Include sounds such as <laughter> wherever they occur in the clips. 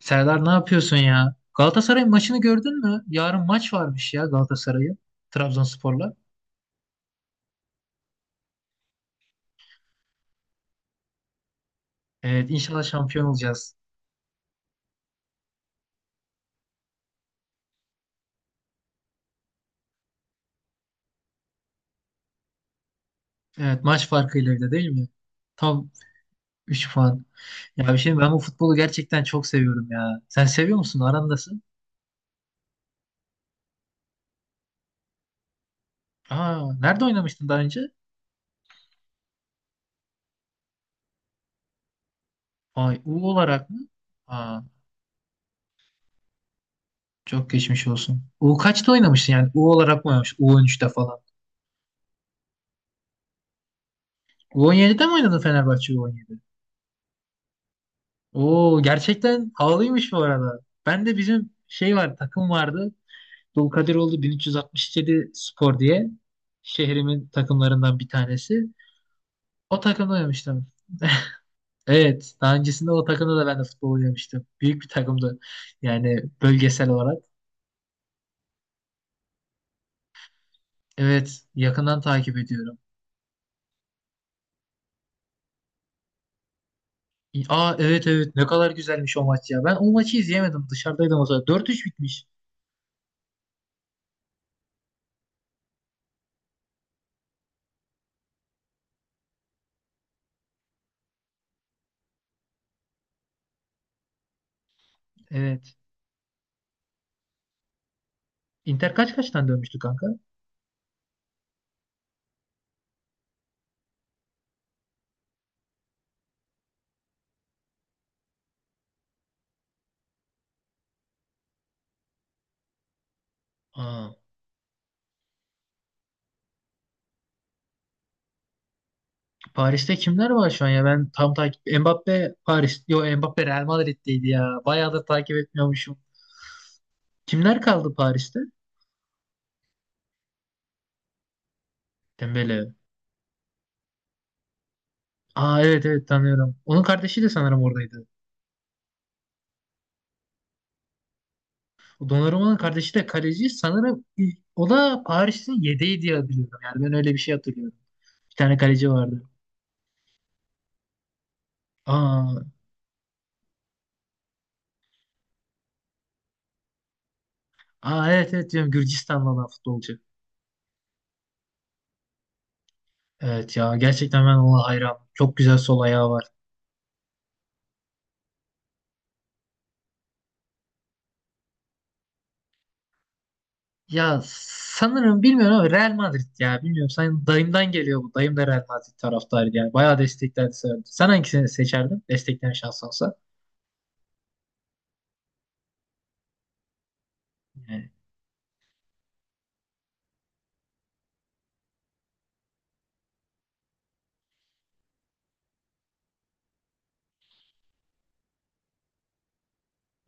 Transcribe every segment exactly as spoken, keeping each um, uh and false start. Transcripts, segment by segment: Serdar, ne yapıyorsun ya? Galatasaray maçını gördün mü? Yarın maç varmış ya, Galatasaray'ın Trabzonspor'la. Evet, inşallah şampiyon olacağız. Evet, maç farkıyla bile değil mi? Tam üç puan. Ya bir şey diyeyim, ben bu futbolu gerçekten çok seviyorum ya. Sen seviyor musun? Arandasın. Aa, nerede oynamıştın daha önce? Ay, U olarak mı? Aa, çok geçmiş olsun. U kaçta oynamıştın yani? U olarak mı oynamış? U on üç'te falan. u on yedide mi oynadın, Fenerbahçe U on yedi? Oo, gerçekten havalıymış bu arada. Ben de bizim şey var takım vardı. Dulkadiroğlu bin üç yüz altmış yedi Spor diye şehrimin takımlarından bir tanesi. O takımda oynamıştım. Evet, daha öncesinde o takımda da ben de futbol oynamıştım. Büyük bir takımdı yani, bölgesel olarak. Evet, yakından takip ediyorum. Aa, evet evet, ne kadar güzelmiş o maç ya. Ben o maçı izleyemedim, dışarıdaydım o zaman. Dört üç bitmiş. Evet. Inter kaç kaçtan dönmüştü kanka? Aa. Paris'te kimler var şu an ya? Ben tam takip... Mbappe Paris... Yo, Mbappe Real Madrid'deydi ya. Bayağıdır takip etmiyormuşum. Kimler kaldı Paris'te? Dembele. Aa, evet evet, tanıyorum. Onun kardeşi de sanırım oradaydı. O Donnarumma'nın kardeşi de kaleci sanırım, o da Paris'in yedeği diye biliyorum. Yani ben öyle bir şey hatırlıyorum. Bir tane kaleci vardı. Aa, aa evet evet, diyorum Gürcistanlı olan futbolcu. Evet ya, gerçekten ben ona hayran. Çok güzel sol ayağı var. Ya sanırım, bilmiyorum ama Real Madrid ya, bilmiyorum. Sen, dayımdan geliyor bu. Dayım da Real Madrid taraftarı yani. Bayağı desteklerdi, severdi. Sen hangisini seçerdin? Destekleyen şans olsa. Yani.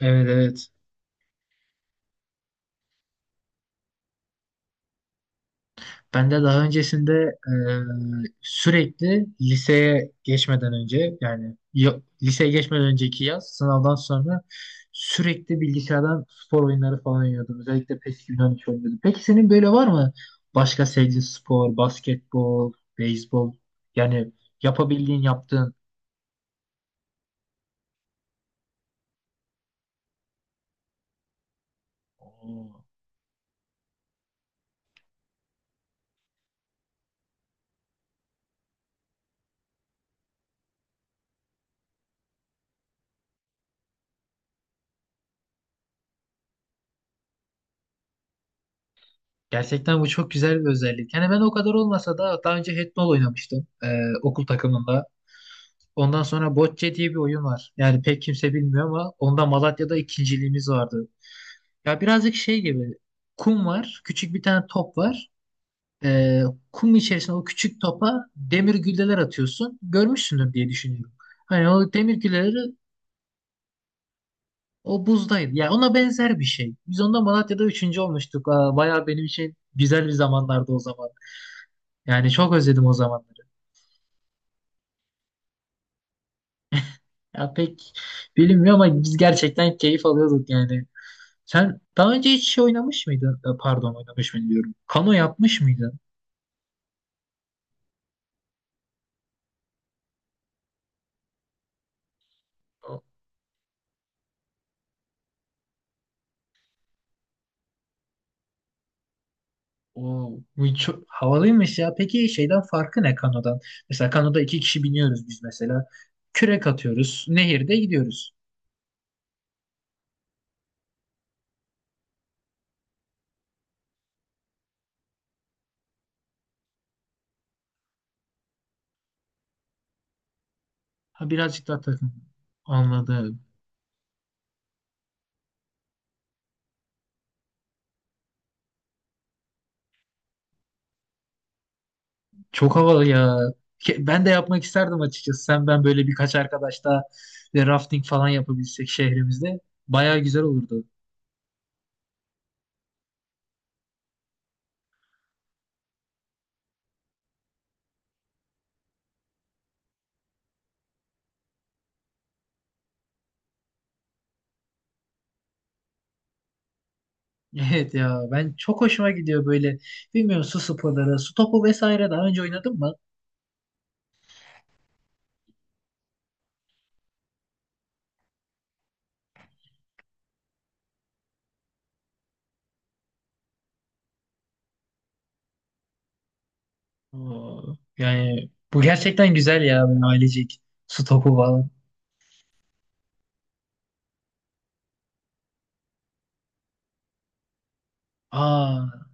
Evet, evet. Ben de daha öncesinde e, sürekli liseye geçmeden önce yani ya- liseye geçmeden önceki yaz, sınavdan sonra sürekli bilgisayardan spor oyunları falan oynuyordum. Özellikle PES iki bin on üç oynuyordum. Peki, senin böyle var mı başka sevdiğin spor, basketbol, beyzbol yani, yapabildiğin yaptığın? Oo. Gerçekten bu çok güzel bir özellik. Yani ben o kadar olmasa da daha önce handball oynamıştım e, okul takımında. Ondan sonra Bocce diye bir oyun var. Yani pek kimse bilmiyor ama onda Malatya'da ikinciliğimiz vardı. Ya, birazcık şey gibi, kum var. Küçük bir tane top var. Ee, Kum içerisine o küçük topa demir gülleler atıyorsun. Görmüşsündür diye düşünüyorum. Hani o demir gülleleri o buzdaydı. Ya, ona benzer bir şey. Biz onda Malatya'da üçüncü olmuştuk. Aa, bayağı benim için güzel bir zamanlardı o zaman. Yani çok özledim o zamanları. Ya pek bilinmiyor ama biz gerçekten keyif alıyorduk yani. Sen daha önce hiç şey oynamış mıydın? E, Pardon, oynamış mı diyorum. Kano yapmış mıydın? O, o- bu çok havalıymış ya. Peki, şeyden farkı ne, kanodan? Mesela kanoda iki kişi biniyoruz biz mesela. Kürek atıyoruz. Nehirde gidiyoruz. Ha, birazcık daha takın. Anladım. Çok havalı ya. Ke- Ben de yapmak isterdim açıkçası. Sen, ben böyle birkaç arkadaş daha ve rafting falan yapabilsek şehrimizde, bayağı güzel olurdu. Evet ya, ben çok hoşuma gidiyor böyle, bilmiyorum, su sporları, su topu vesaire daha önce oynadın mı? Oo, yani bu gerçekten güzel ya, böyle ailecek su topu falan. Aa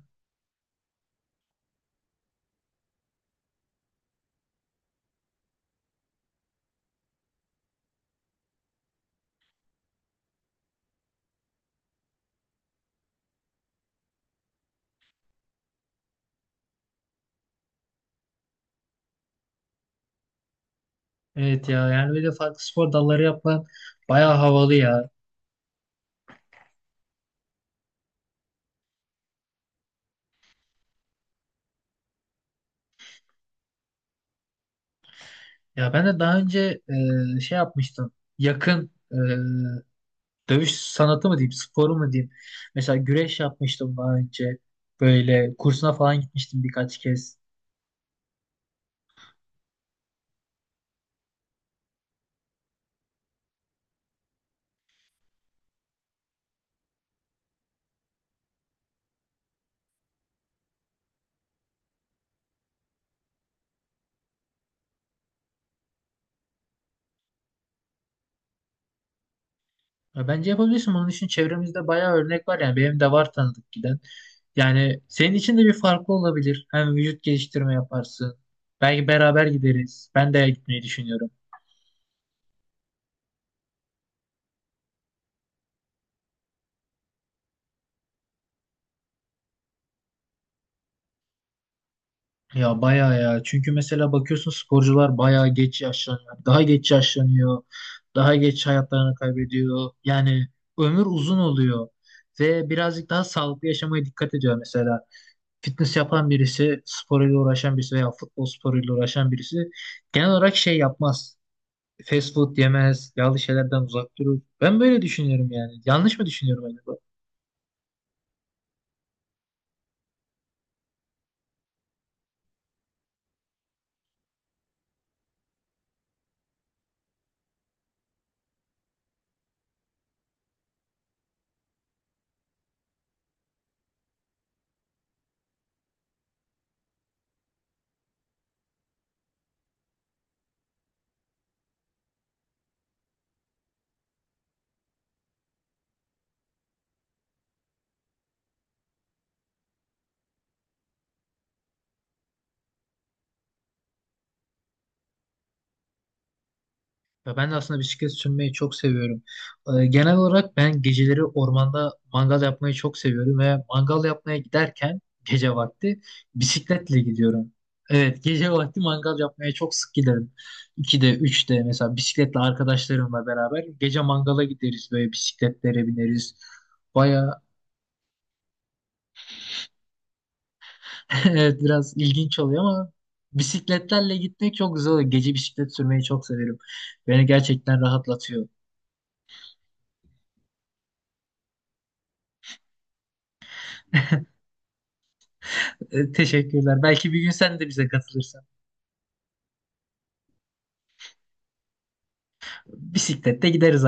evet ya, yani böyle farklı spor dalları yapman bayağı havalı ya. Ya ben de daha önce e, şey yapmıştım, yakın e, dövüş sanatı mı diyeyim, sporu mu diyeyim. Mesela güreş yapmıştım daha önce, böyle kursuna falan gitmiştim birkaç kez. Ya bence yapabilirsin. Bunun için çevremizde bayağı örnek var. Yani benim de var tanıdık giden. Yani senin için de bir farklı olabilir. Hem vücut geliştirme yaparsın. Belki beraber gideriz. Ben de gitmeyi düşünüyorum. Ya bayağı ya. Çünkü mesela bakıyorsun, sporcular bayağı geç yaşlanıyor. Daha geç yaşlanıyor. Daha geç hayatlarını kaybediyor. Yani ömür uzun oluyor. Ve birazcık daha sağlıklı yaşamaya dikkat ediyor mesela. Fitness yapan birisi, sporuyla uğraşan birisi veya futbol sporuyla uğraşan birisi genel olarak şey yapmaz. Fast food yemez, yağlı şeylerden uzak durur. Ben böyle düşünüyorum yani. Yanlış mı düşünüyorum acaba? Ya ben de aslında bisiklet sürmeyi çok seviyorum. Ee, genel olarak ben geceleri ormanda mangal yapmayı çok seviyorum ve mangal yapmaya giderken gece vakti bisikletle gidiyorum. Evet, gece vakti mangal yapmaya çok sık giderim. ikide, üçte mesela bisikletle arkadaşlarımla beraber gece mangala gideriz, böyle bisikletlere bineriz. Baya <laughs> evet biraz ilginç oluyor ama bisikletlerle gitmek çok güzel oluyor. Gece bisiklet sürmeyi çok severim. Beni gerçekten rahatlatıyor. E, teşekkürler. Belki bir gün sen de bize katılırsan. Bisiklette gideriz